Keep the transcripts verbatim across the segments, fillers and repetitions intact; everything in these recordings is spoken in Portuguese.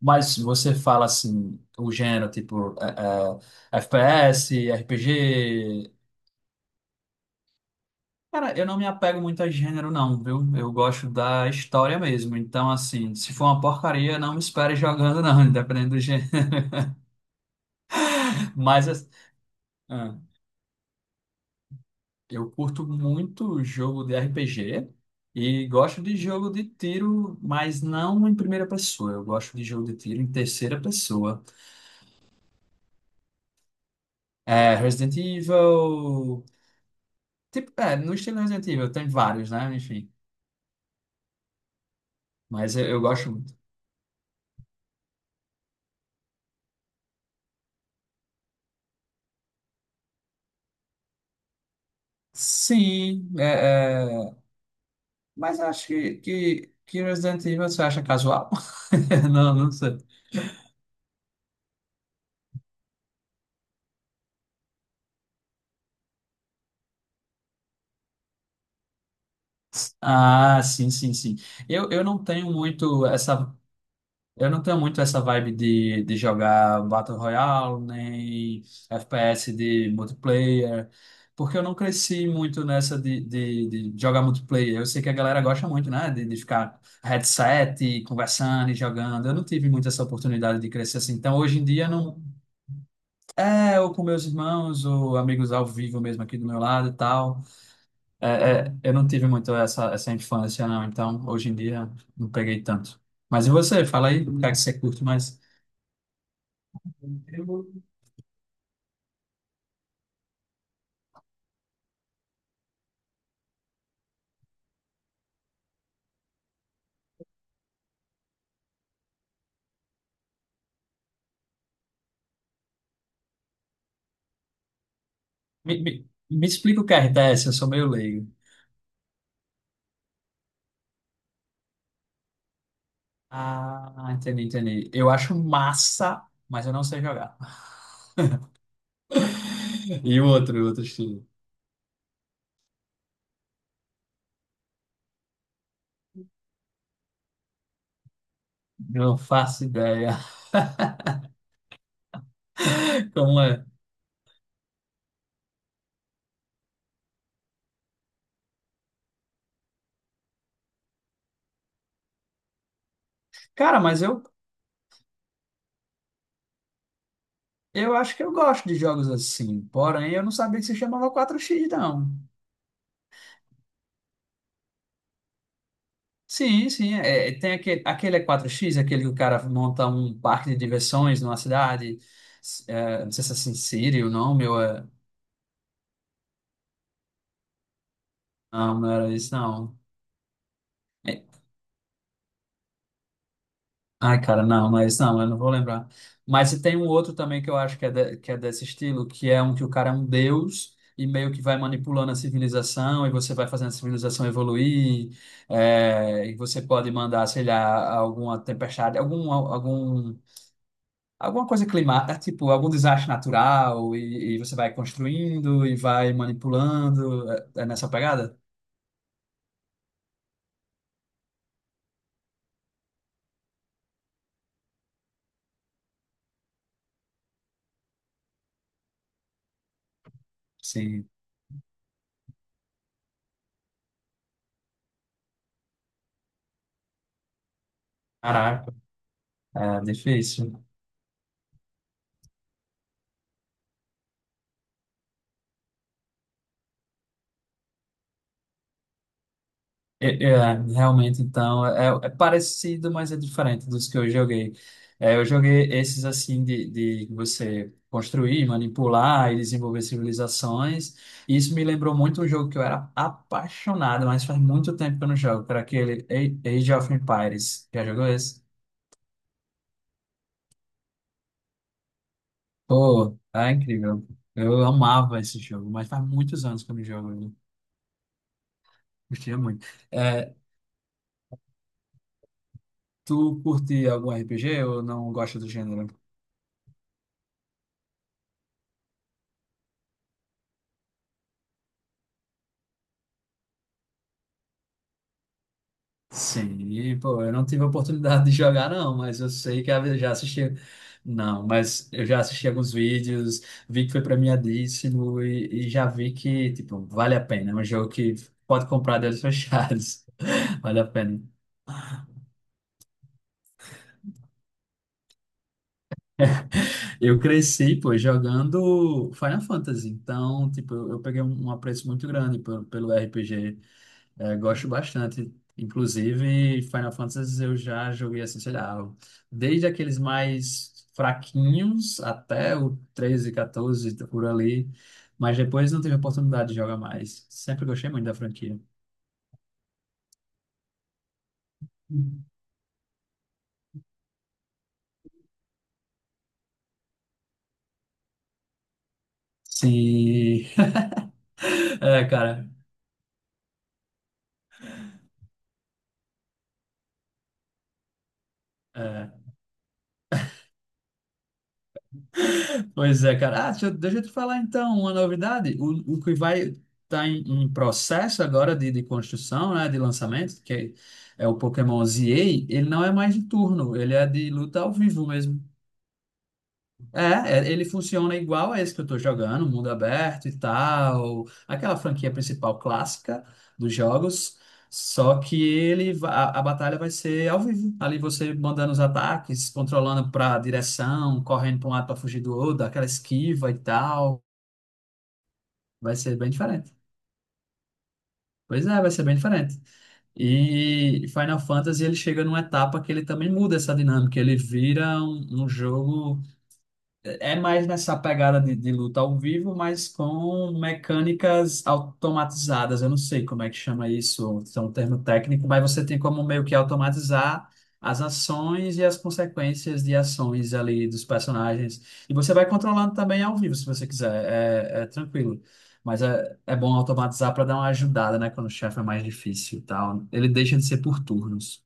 Mas se você fala assim, o gênero, tipo, é, é, F P S, R P G. Cara, eu não me apego muito a gênero, não, viu? Eu gosto da história mesmo. Então, assim, se for uma porcaria, não me espere jogando, não, independente do gênero. Mas assim, ah, eu curto muito jogo de R P G e gosto de jogo de tiro, mas não em primeira pessoa. Eu gosto de jogo de tiro em terceira pessoa. É, Resident Evil. Tipo, é, no estilo Resident Evil, tem vários, né? Enfim. Mas eu, eu gosto muito. Sim, é, é, mas acho que, que, que Resident Evil você acha casual? Não, não sei. Ah, sim, sim, sim. Eu, eu não tenho muito essa. Eu não tenho muito essa vibe de, de jogar Battle Royale, nem F P S de multiplayer, porque eu não cresci muito nessa de, de, de jogar multiplayer. Eu sei que a galera gosta muito, né? De, de ficar headset, e conversando e jogando. Eu não tive muito essa oportunidade de crescer assim. Então, hoje em dia, não. É, ou com meus irmãos, ou amigos ao vivo mesmo aqui do meu lado e tal. É, é, eu não tive muito essa, essa infância, não. Então, hoje em dia, não peguei tanto. Mas e você? Fala aí, o que é que você curte mais? Eu- Me, me, me explica o que é R T S, eu sou meio leigo. Ah, entendi, entendi. Eu acho massa, mas eu não sei jogar. E o outro, o outro estilo? Não faço ideia. Como é? Cara, mas eu, eu acho que eu gosto de jogos assim. Porém, eu não sabia que se chamava quatro x, não. Sim, sim. É, é, tem aquele, aquele é quatro xis, aquele que o cara monta um parque de diversões numa cidade. S- é, não sei se é Sin City o nome ou é... Não, não era isso, não. É. Ai, cara, não, mas não, eu não vou lembrar. Mas se tem um outro também que eu acho que é, de- que é desse estilo, que é um que o cara é um deus e meio que vai manipulando a civilização e você vai fazendo a civilização evoluir, é, e você pode mandar, sei lá, alguma tempestade, algum, algum, alguma coisa climática, tipo, algum desastre natural e, e você vai construindo e vai manipulando. É, é nessa pegada? Sim. Caraca, é difícil. É, é, realmente, então, é, é parecido, mas é diferente dos que eu joguei. É, eu joguei esses assim de, de você construir, manipular e desenvolver civilizações. E isso me lembrou muito um jogo que eu era apaixonado, mas faz muito tempo que eu não jogo, que era aquele A- Age of Empires. Já jogou esse? Pô, é incrível. Eu amava esse jogo, mas faz muitos anos que eu não jogo, eu gostia muito. É, tu curte algum R P G ou não gosta do gênero? Sim, pô, eu não tive a oportunidade de jogar, não, mas eu sei que eu já assisti. Não, mas eu já assisti alguns vídeos, vi que foi premiadíssimo e, e já vi que, tipo, vale a pena. É um jogo que pode comprar de olhos fechados. Vale a pena. Eu cresci, pô, jogando Final Fantasy, então, tipo, eu eu peguei um um apreço muito grande pe- pelo R P G. É, gosto bastante. Inclusive, Final Fantasy eu já joguei assim, sei lá, desde aqueles mais fraquinhos até o treze, quatorze, por ali. Mas depois não tive oportunidade de jogar mais. Sempre gostei muito da franquia. Sim. É, cara. É. Pois é, cara. Ah, deixa eu, deixa eu te falar então uma novidade. O, o que vai estar em, em processo agora de, de construção, né, de lançamento, que é, é o Pokémon Z A, ele não é mais de turno, ele é de luta ao vivo mesmo. É, é, ele funciona igual a esse que eu tô jogando, mundo aberto e tal, aquela franquia principal clássica dos jogos, só que ele va- a, a batalha vai ser ao vivo, ali você mandando os ataques, controlando para direção, correndo para um lado para fugir do outro, aquela esquiva e tal, vai ser bem diferente. Pois é, vai ser bem diferente. E Final Fantasy ele chega numa etapa que ele também muda essa dinâmica, ele vira um, um jogo é mais nessa pegada de, de luta ao vivo, mas com mecânicas automatizadas. Eu não sei como é que chama isso, isso é um termo técnico, mas você tem como meio que automatizar as ações e as consequências de ações ali dos personagens. E você vai controlando também ao vivo, se você quiser. É, é tranquilo. Mas é, é bom automatizar para dar uma ajudada, né? Quando o chefe é mais difícil e tal. Ele deixa de ser por turnos.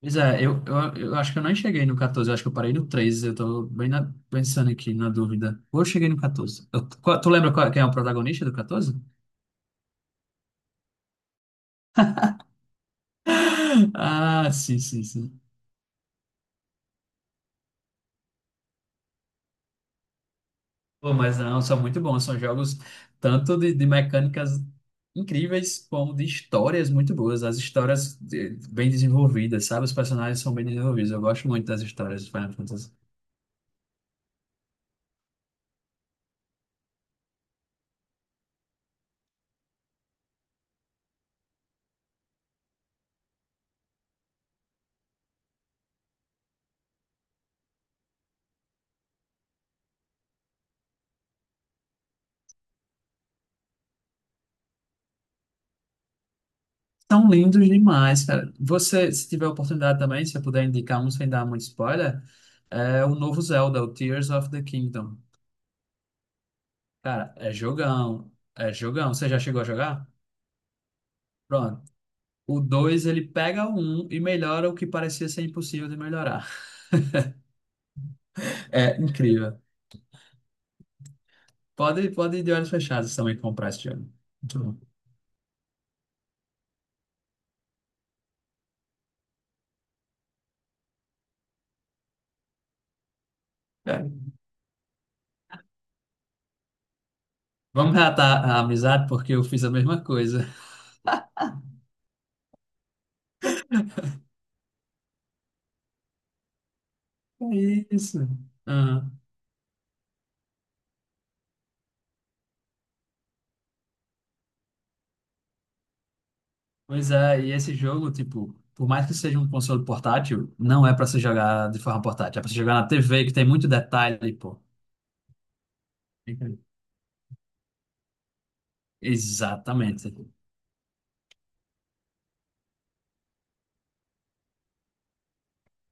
Pois é, eu, eu, eu acho que eu não cheguei no quatorze, eu acho que eu parei no treze, eu tô bem na- pensando aqui, na dúvida. Ou eu cheguei no catorze. Eu- qual- tu lembra qual- quem é o protagonista do quatorze? Ah, sim, sim, sim. Pô, mas não, são muito bons, são jogos tanto de, de mecânicas incríveis como de histórias muito boas, as histórias de- bem desenvolvidas, sabe? Os personagens são bem desenvolvidos, eu gosto muito das histórias do Final Fantasy. São lindos demais, cara. Você, se tiver oportunidade também, se eu puder indicar um sem dar muito spoiler, é o novo Zelda, o Tears of the Kingdom. Cara, é jogão, é jogão. Você já chegou a jogar? Pronto. O dois ele pega o um e melhora o que parecia ser impossível de melhorar. É incrível. Pode, pode ir de olhos fechados também comprar esse jogo. Muito bom. É. Vamos reatar a amizade, porque eu fiz a mesma coisa. É isso. Pois é, e esse jogo, tipo, por mais que seja um console portátil, não é pra se jogar de forma portátil, é pra se jogar na T V, que tem muito detalhe, pô. Entendi. Exatamente.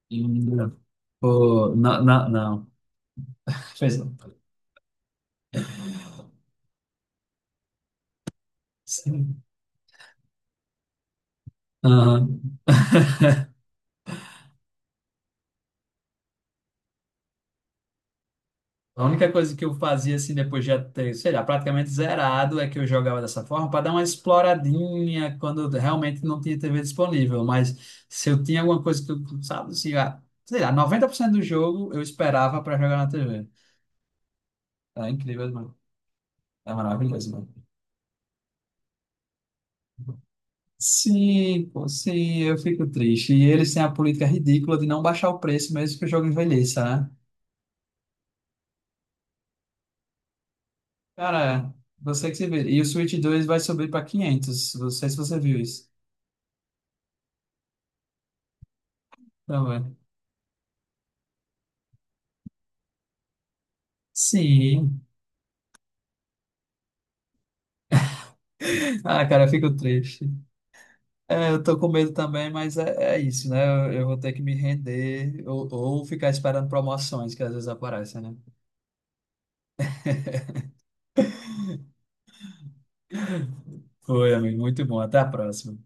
Lindo. Pô, não, não, não. Pois não. Sim. Aham. A única coisa que eu fazia, assim, depois de já ter, sei lá, praticamente zerado, é que eu jogava dessa forma para dar uma exploradinha quando realmente não tinha T V disponível. Mas se eu tinha alguma coisa que eu, sabe, assim, ah, sei lá, noventa por cento do jogo eu esperava para jogar na T V. É incrível, mano. É maravilhoso, mano. Sim, pô, sim, eu fico triste. E eles têm a política ridícula de não baixar o preço mesmo que o jogo envelheça, né? Cara, você que se vê. E o Switch dois vai subir para quinhentos. Não sei se você viu isso. Também. Sim. Ah, cara, eu fico triste. É, eu tô com medo também, mas é, é isso, né? Eu, eu vou ter que me render ou, ou ficar esperando promoções que às vezes aparecem, né? Foi, amigo. Muito bom. Até a próxima.